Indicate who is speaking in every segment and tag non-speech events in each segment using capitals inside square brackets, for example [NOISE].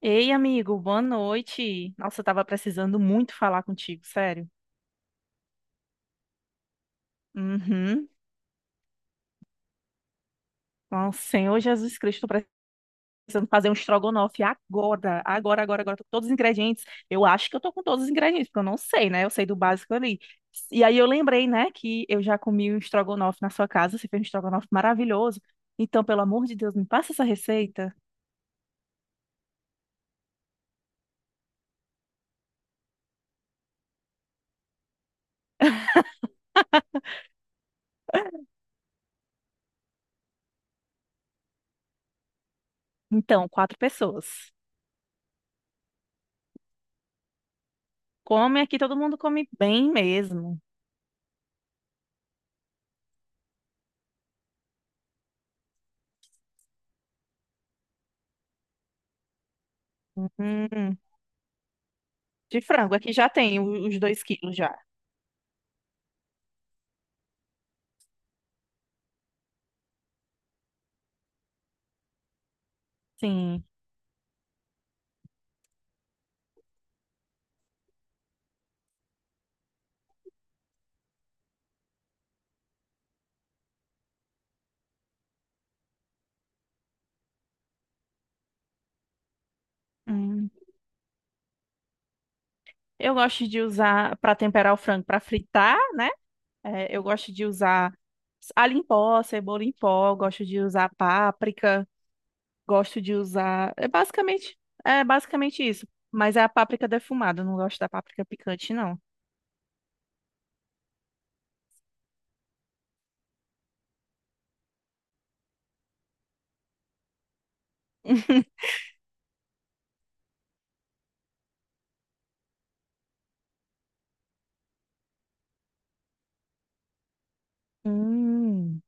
Speaker 1: Ei, amigo, boa noite. Nossa, eu tava precisando muito falar contigo, sério. Uhum. Nossa, Senhor Jesus Cristo, tô precisando fazer um estrogonofe agora, agora, agora, agora. Tô com todos os ingredientes. Eu acho que eu tô com todos os ingredientes, porque eu não sei, né? Eu sei do básico ali. E aí eu lembrei, né, que eu já comi um estrogonofe na sua casa. Você fez um estrogonofe maravilhoso. Então, pelo amor de Deus, me passa essa receita. Então, quatro pessoas. Come aqui, todo mundo come bem mesmo. Hum, de frango, aqui já tem os 2 quilos já. Sim. Hum. Eu gosto de usar para temperar o frango para fritar, né? É, eu gosto de usar alho em pó, cebola em pó, gosto de usar páprica, gosto de usar. É basicamente isso. Mas é a páprica defumada, eu não gosto da páprica picante, não. [LAUGHS] Hum.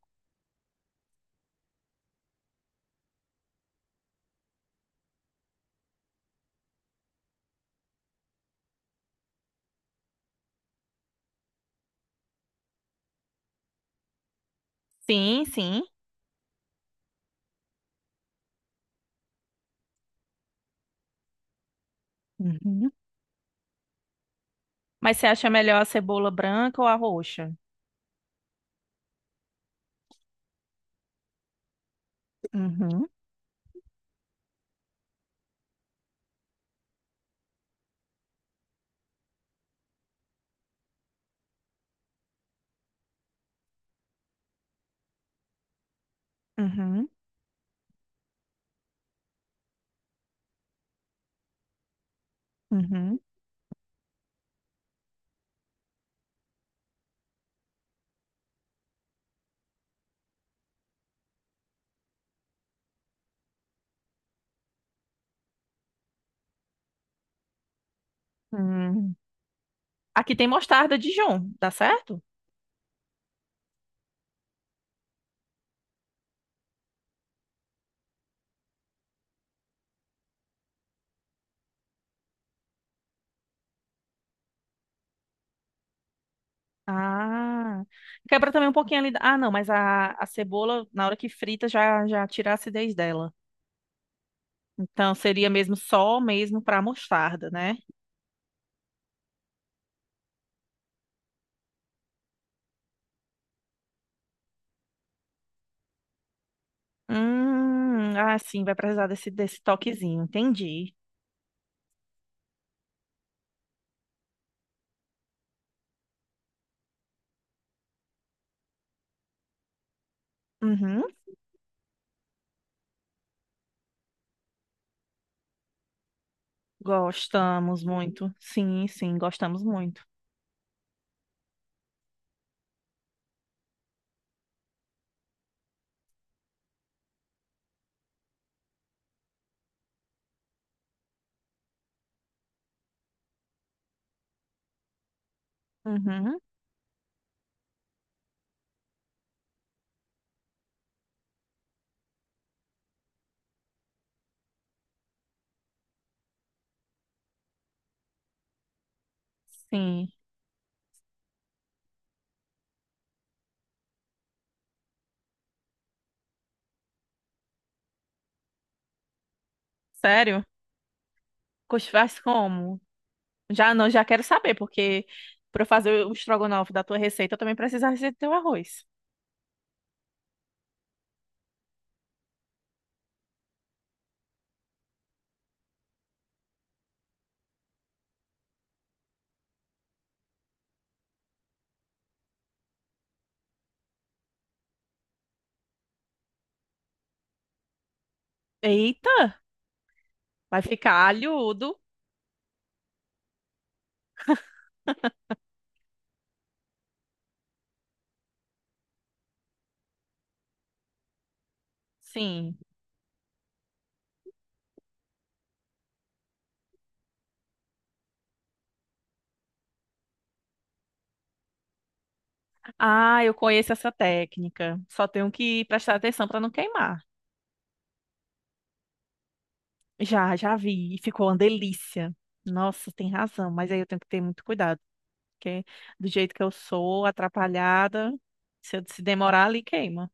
Speaker 1: Sim, sim. Uhum. Mas você acha melhor a cebola branca ou a roxa? Uhum, uhum, uhum, uhum. Aqui tem mostarda Dijon, dá certo? Ah, quebra também um pouquinho ali. Ah, não, mas a cebola, na hora que frita, já tira a acidez dela. Então seria mesmo só mesmo para mostarda, né? Ah, sim, vai precisar desse toquezinho. Entendi. Uhum. Gostamos muito. Sim, sim, gostamos muito. Uhum. Sim. Sério? Faz como? Já não, já quero saber, porque para eu fazer o estrogonofe da tua receita, eu também preciso da receita do teu arroz. Eita, vai ficar alhudo. Sim. Ah, eu conheço essa técnica. Só tenho que prestar atenção para não queimar. Já vi. E ficou uma delícia. Nossa, tem razão, mas aí eu tenho que ter muito cuidado, porque do jeito que eu sou, atrapalhada, se demorar ali, queima.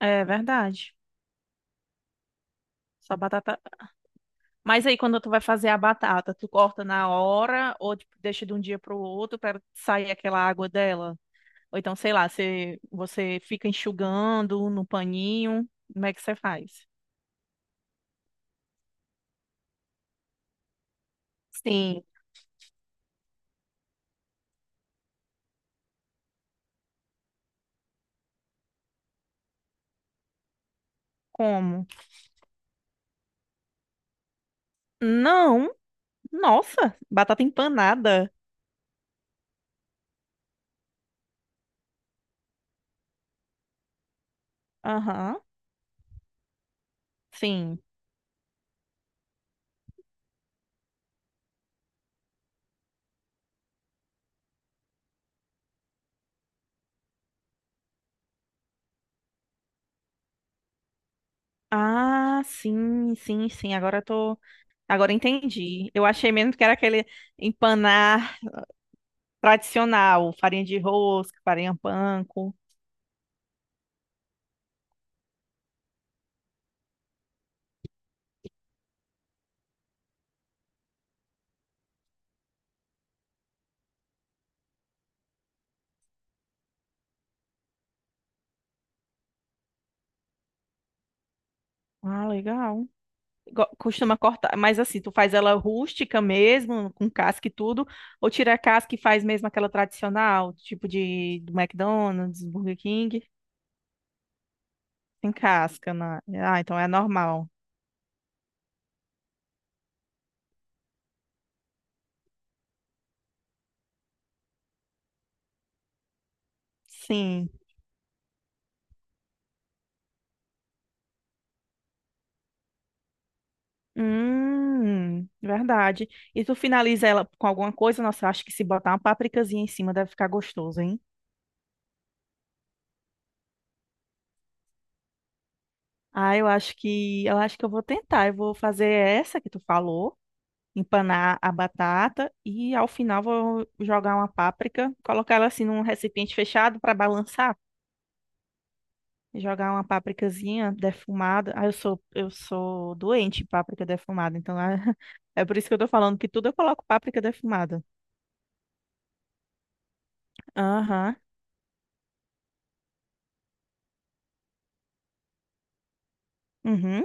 Speaker 1: É verdade. Só batata. Mas aí quando tu vai fazer a batata, tu corta na hora ou tipo, deixa de um dia para o outro para sair aquela água dela? Ou então, sei lá, você fica enxugando no paninho. Como é que você faz? Sim. Como? Não, nossa, batata empanada. Aham, sim. Ah, sim, sim, sim. Agora entendi. Eu achei mesmo que era aquele empanar tradicional, farinha de rosca, farinha panko. Ah, legal. Costuma cortar, mas assim, tu faz ela rústica mesmo, com casca e tudo, ou tira a casca e faz mesmo aquela tradicional, tipo de do McDonald's, Burger King, sem casca, né? Ah, então é normal. Sim. Verdade. E tu finaliza ela com alguma coisa? Nossa, eu acho que se botar uma pápricazinha em cima deve ficar gostoso, hein? Ah, eu acho que eu vou tentar. Eu vou fazer essa que tu falou. Empanar a batata e ao final vou jogar uma páprica, colocar ela assim num recipiente fechado para balançar, jogar uma pápricazinha defumada. Ah, eu sou doente em páprica defumada, então ah, [LAUGHS] é por isso que eu tô falando que tudo eu coloco páprica defumada. Aham. Uhum.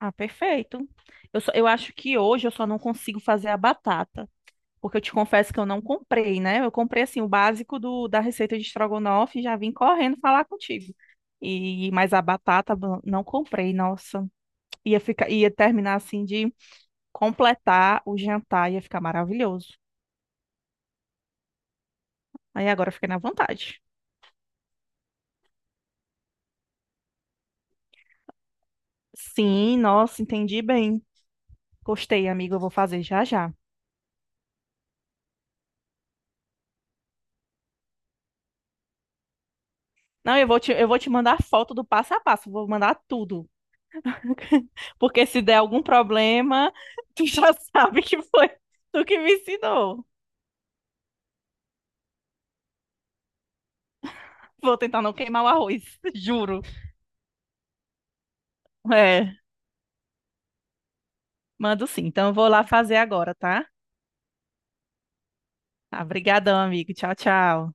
Speaker 1: Ah, perfeito. Eu acho que hoje eu só não consigo fazer a batata. Porque eu te confesso que eu não comprei, né? Eu comprei assim o básico da receita de estrogonofe e já vim correndo falar contigo. E mas a batata não comprei, nossa. Ia ficar, ia terminar assim de completar o jantar, ia ficar maravilhoso. Aí agora eu fiquei na vontade. Sim, nossa, entendi bem. Gostei, amigo, eu vou fazer já já. Não, eu vou te mandar foto do passo a passo, vou mandar tudo. [LAUGHS] Porque se der algum problema, [LAUGHS] tu já sabe que foi tu que me ensinou. Vou tentar não queimar o arroz, [LAUGHS] juro. É, mando sim. Então eu vou lá fazer agora, tá? Tá, amigo. Tchau, tchau.